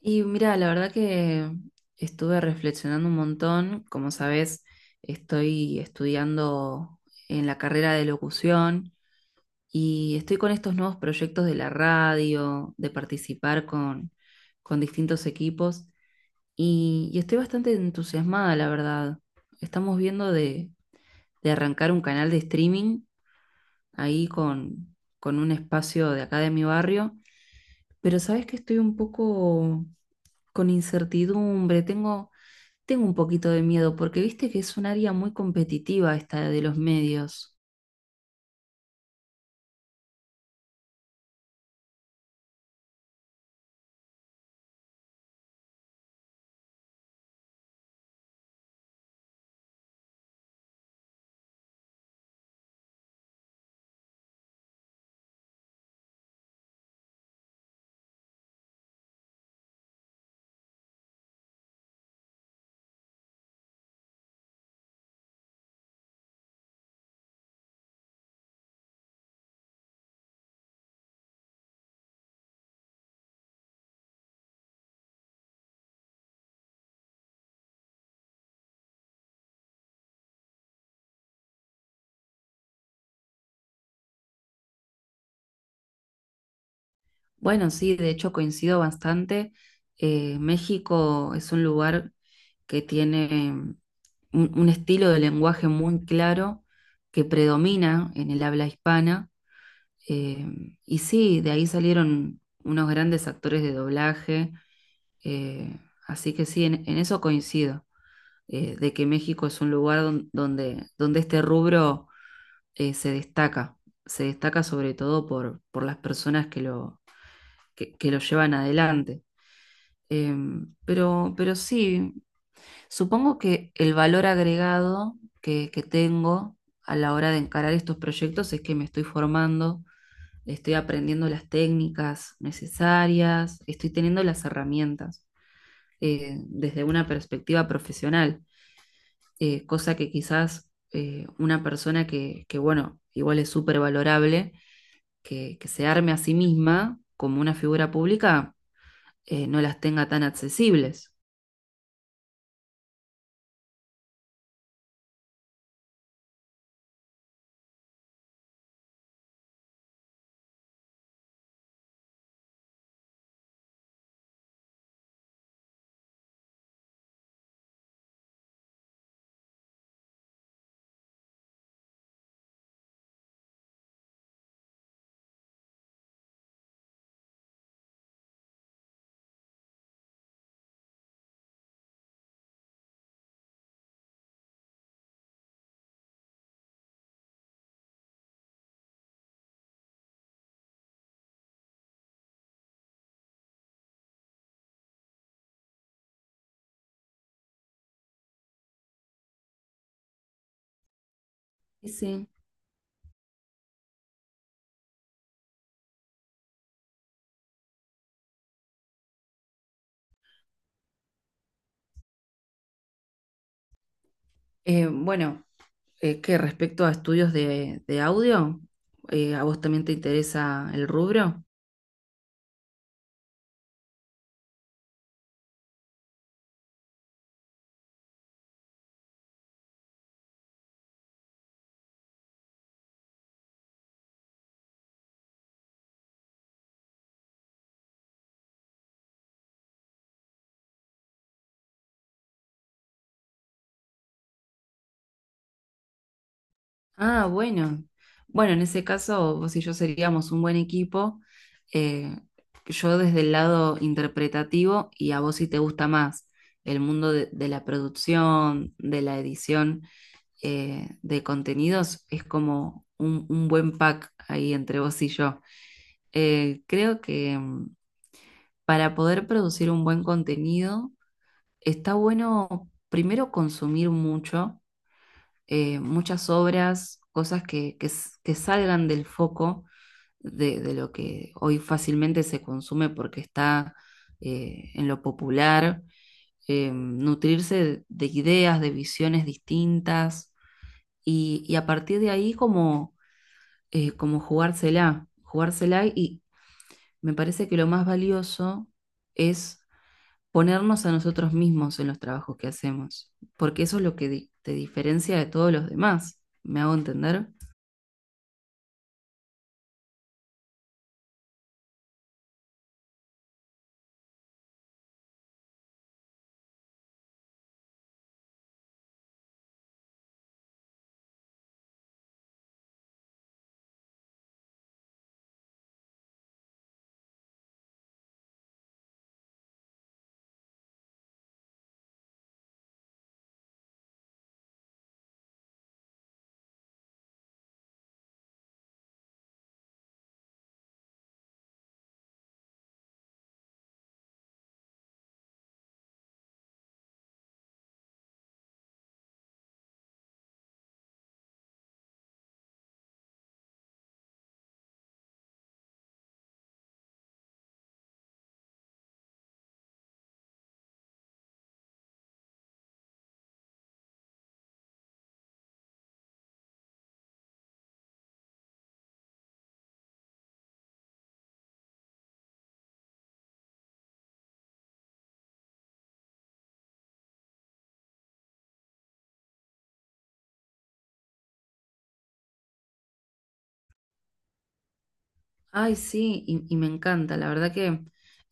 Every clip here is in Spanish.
Y mira, la verdad que estuve reflexionando un montón. Como sabes, estoy estudiando en la carrera de locución y estoy con estos nuevos proyectos de la radio, de participar con distintos equipos y estoy bastante entusiasmada, la verdad. Estamos viendo de arrancar un canal de streaming ahí con un espacio de acá de mi barrio, pero sabes que estoy un poco con incertidumbre, tengo un poquito de miedo porque viste que es un área muy competitiva esta de los medios. Bueno, sí, de hecho coincido bastante. México es un lugar que tiene un estilo de lenguaje muy claro que predomina en el habla hispana. Eh, y sí, de ahí salieron unos grandes actores de doblaje. eh, Así que sí, en eso coincido, de que México es un lugar donde este rubro eh, se destaca, se destaca sobre todo por las personas que lo llevan adelante. Pero sí, supongo que el valor agregado que tengo a la hora de encarar estos proyectos es que me estoy formando, estoy aprendiendo las técnicas necesarias, estoy teniendo las herramientas desde una perspectiva profesional, cosa que quizás una persona bueno, igual es súper valorable que se arme a sí misma como una figura pública no las tenga tan accesibles. Sí, sí. Bueno, que respecto a estudios de audio, ¿a vos también te interesa el rubro? Ah, bueno. Bueno, en ese caso, vos y yo seríamos un buen equipo. eh, yo desde el lado interpretativo y a vos, si te gusta más el mundo de la producción, de la edición de contenidos, es como un buen pack ahí entre vos y yo. Creo que para poder producir un buen contenido está bueno primero consumir mucho, muchas obras, cosas que salgan del foco de lo que hoy fácilmente se consume porque está en lo popular, nutrirse de ideas, de visiones distintas y a partir de ahí como como jugársela, jugársela, y me parece que lo más valioso es ponernos a nosotros mismos en los trabajos que hacemos, porque eso es lo que te diferencia de todos los demás. ¿Me hago entender? Ay, sí, y me encanta, la verdad que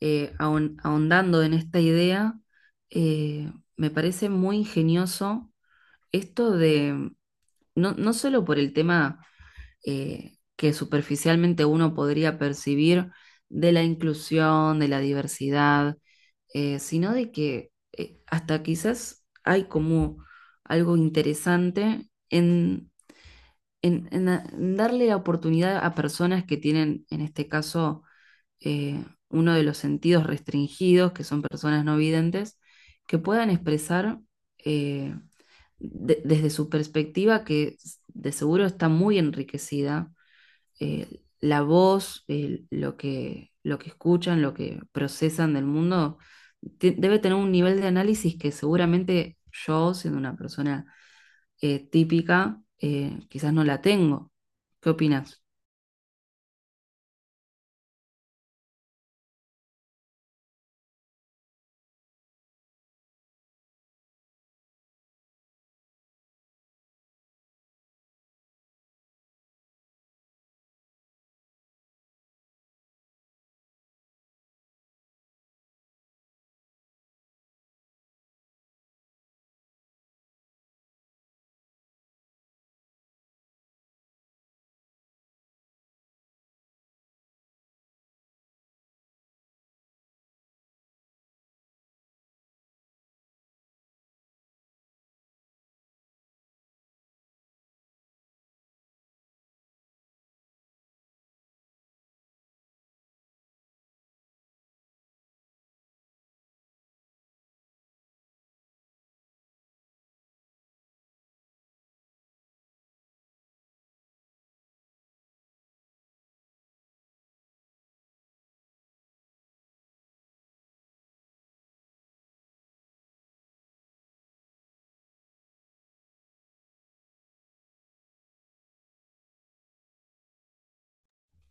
ahondando en esta idea, me parece muy ingenioso esto de, no, no solo por el tema que superficialmente uno podría percibir de la inclusión, de la diversidad, sino de que hasta quizás hay como algo interesante en darle la oportunidad a personas que tienen, en este caso, eh, uno de los sentidos restringidos, que son personas no videntes, que puedan expresar eh, desde su perspectiva, que de seguro está muy enriquecida, la voz, lo que escuchan, lo que procesan del mundo. Debe tener un nivel de análisis que seguramente yo, siendo una persona típica, quizás no la tengo. ¿Qué opinas?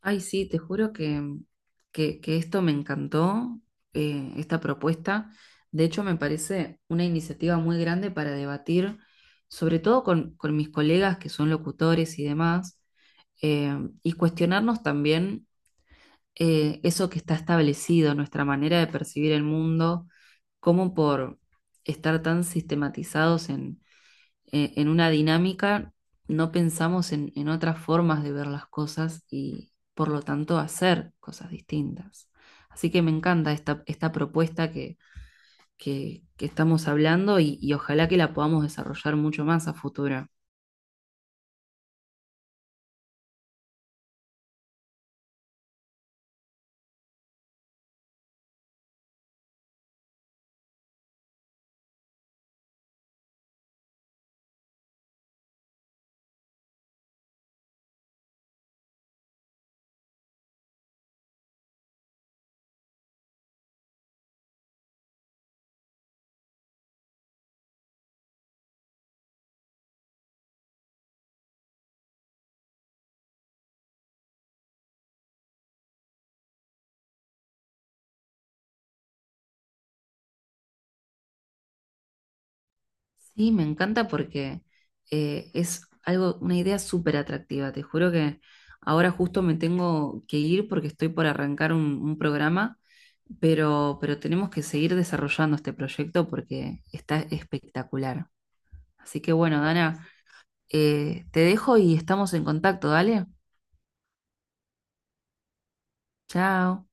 Ay, sí, te juro que, que esto me encantó, esta propuesta. De hecho, me parece una iniciativa muy grande para debatir, sobre todo con mis colegas que son locutores y demás, eh, y cuestionarnos también eso que está establecido, nuestra manera de percibir el mundo, como por estar tan sistematizados en una dinámica, no pensamos en otras formas de ver las cosas y por lo tanto hacer cosas distintas. Así que me encanta esta, esta propuesta que estamos hablando y ojalá que la podamos desarrollar mucho más a futuro. Sí, me encanta porque es algo, una idea súper atractiva. Te juro que ahora justo me tengo que ir porque estoy por arrancar un programa, pero tenemos que seguir desarrollando este proyecto porque está espectacular. Así que bueno, Dana, te dejo y estamos en contacto, dale. Chao.